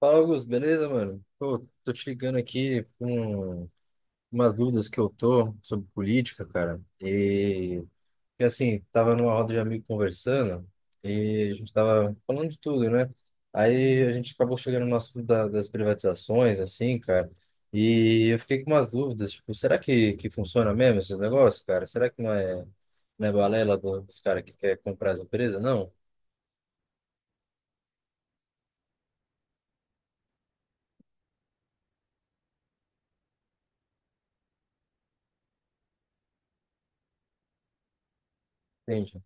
Fala, Augusto, beleza, mano? Pô, tô te ligando aqui com umas dúvidas que eu tô sobre política, cara. Assim, tava numa roda de amigo conversando e a gente tava falando de tudo, né? Aí a gente acabou chegando no assunto das privatizações, assim, cara. E eu fiquei com umas dúvidas, tipo, será que funciona mesmo esses negócios, cara? Será que não é balela dos caras que quer comprar as empresas? Não? Entende?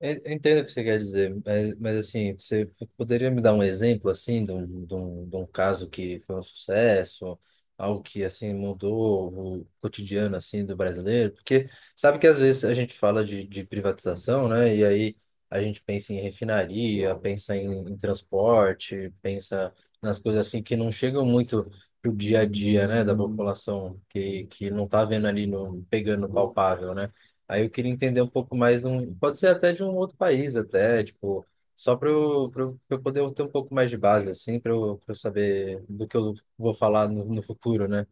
Eu entendo o que você quer dizer, mas assim, você poderia me dar um exemplo, assim, de um caso que foi um sucesso, algo que, assim, mudou o cotidiano, assim, do brasileiro? Porque sabe que às vezes a gente fala de privatização, né? E aí a gente pensa em refinaria, pensa em transporte, pensa nas coisas, assim, que não chegam muito pro dia a dia, né, da população, que não tá vendo ali, no, pegando palpável, né? Aí eu queria entender um pouco mais de um, pode ser até de um outro país até, tipo, só para eu, pra eu, pra eu poder ter um pouco mais de base, assim, pra eu saber do que eu vou falar no futuro, né?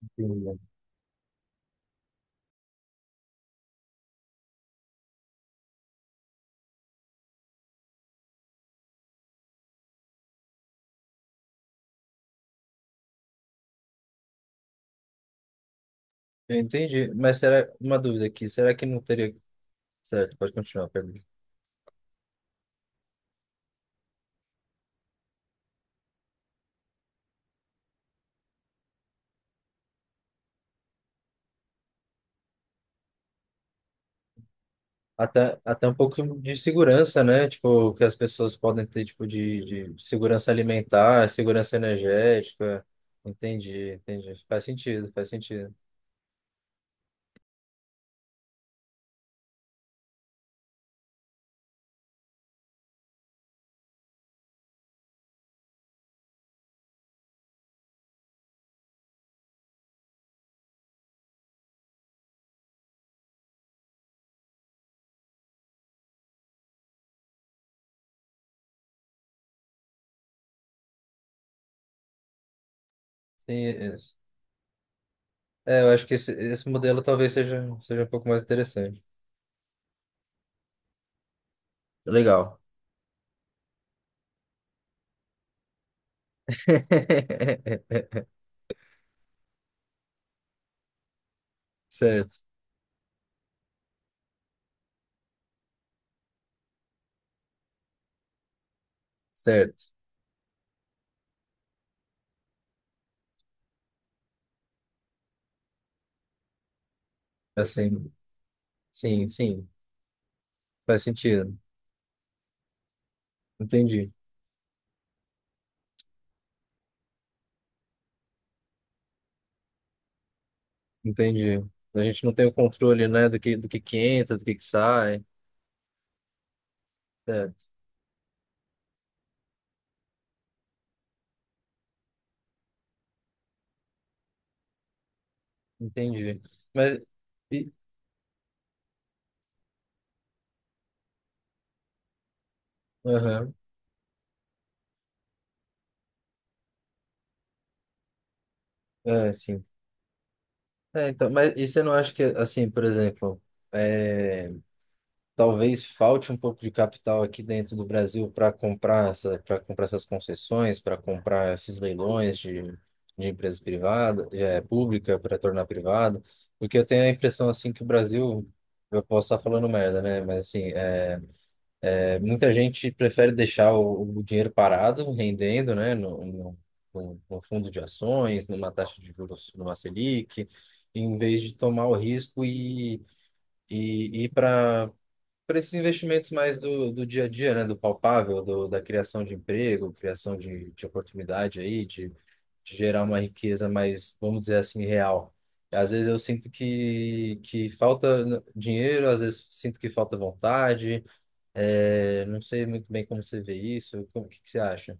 Entendi. Eu entendi, mas será, uma dúvida aqui, será que não teria, certo, pode continuar, a pergunta. Até um pouco de segurança, né? Tipo, que as pessoas podem ter, tipo, de segurança alimentar, segurança energética. Entendi, entendi. Faz sentido, faz sentido. Sim, é, eu acho que esse modelo talvez seja um pouco mais interessante. Legal. Certo, certo. Assim, sim, sim, faz sentido. Entendi, entendi. A gente não tem o controle, né, do que que entra, do que sai. Certo, entendi. Mas, e, aham, é, sim. É, então, mas e você não acha que, assim, por exemplo, é, talvez falte um pouco de capital aqui dentro do Brasil para comprar essa, para comprar essas concessões, para comprar esses leilões de empresas privadas, é, pública para tornar privada, porque eu tenho a impressão assim que o Brasil, eu posso estar falando merda, né? Mas assim, é, muita gente prefere deixar o dinheiro parado, rendendo, né? No, no fundo de ações, numa taxa de juros, numa Selic, em vez de tomar o risco e ir para esses investimentos mais do dia a dia, né, do palpável, do, da criação de emprego, criação de oportunidade aí, de gerar uma riqueza mais, vamos dizer assim, real. Às vezes eu sinto que falta dinheiro, às vezes sinto que falta vontade, é, não sei muito bem como você vê isso, como, o que, que você acha?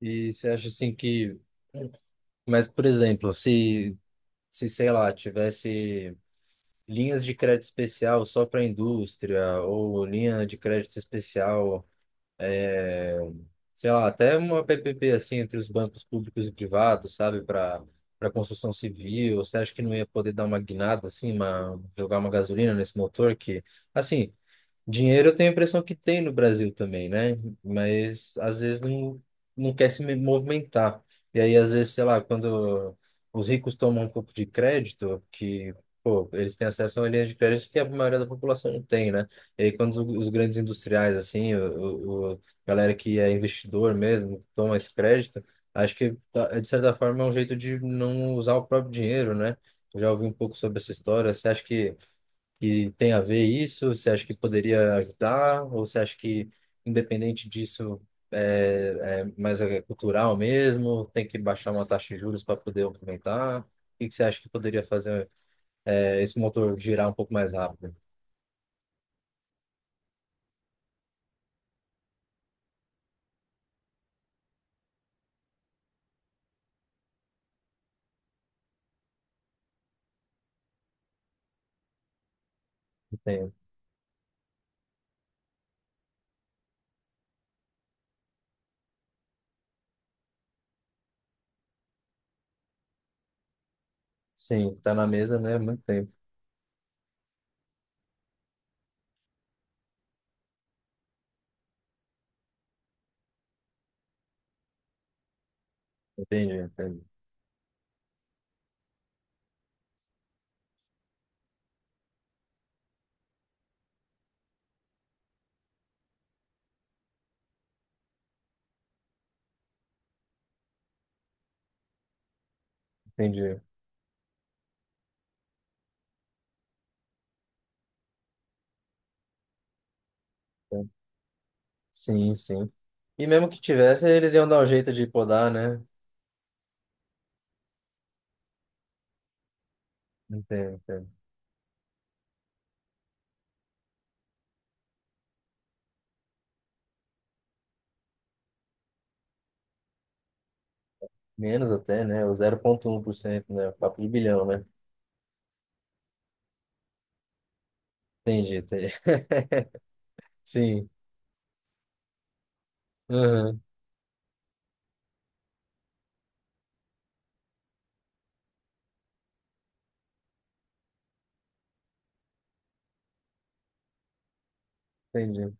E você acha assim que, mas por exemplo, se sei lá, tivesse linhas de crédito especial só para indústria, ou linha de crédito especial, é, sei lá, até uma PPP assim entre os bancos públicos e privados, sabe, para construção civil. Você acha que não ia poder dar uma guinada assim, uma, jogar uma gasolina nesse motor que, assim, dinheiro eu tenho a impressão que tem no Brasil também, né? Mas às vezes não quer se movimentar. E aí, às vezes, sei lá, quando os ricos tomam um pouco de crédito, que, pô, eles têm acesso a uma linha de crédito que a maioria da população não tem, né? E aí, quando os grandes industriais, assim, o galera que é investidor mesmo, toma esse crédito, acho que, tá, é, de certa forma, é um jeito de não usar o próprio dinheiro, né? Eu já ouvi um pouco sobre essa história. Você acha que tem a ver isso? Você acha que poderia ajudar? Ou você acha que, independente disso, é mais é cultural mesmo? Tem que baixar uma taxa de juros para poder aumentar? O que que você acha que poderia fazer esse motor girar um pouco mais rápido? Entendo. Sim, tá na mesa, né? Há muito tempo. Entendi, entendi. Entendi. Sim, sim. E mesmo que tivesse, eles iam dar um jeito de podar, né? Entendo, entendo. Menos até, né? O 0,1%, né? Papo de bilhão, né? Entendi, entendi. Sim, aham, entendi,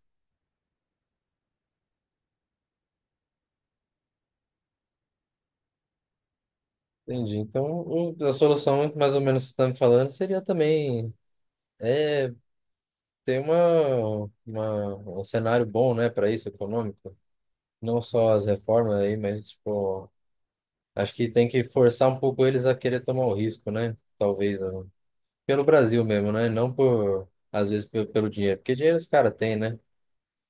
entendi. Então, a solução, mais ou menos, que você está me falando, seria também é, ter um cenário bom, né, para isso, econômico. Não só as reformas aí, mas, tipo, acho que tem que forçar um pouco eles a querer tomar o risco, né? Talvez, ó, pelo Brasil mesmo, né? Não por, às vezes, pelo dinheiro, porque dinheiro os caras têm, né?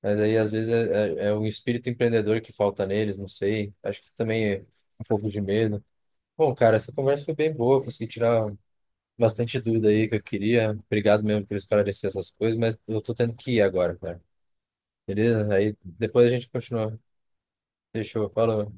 Mas aí, às vezes, é o espírito empreendedor que falta neles, não sei. Acho que também é um pouco de medo. Bom, cara, essa conversa foi bem boa, consegui tirar bastante dúvida aí que eu queria. Obrigado mesmo por esclarecer essas coisas, mas eu tô tendo que ir agora, cara. Beleza? Aí depois a gente continua. Fechou, falou.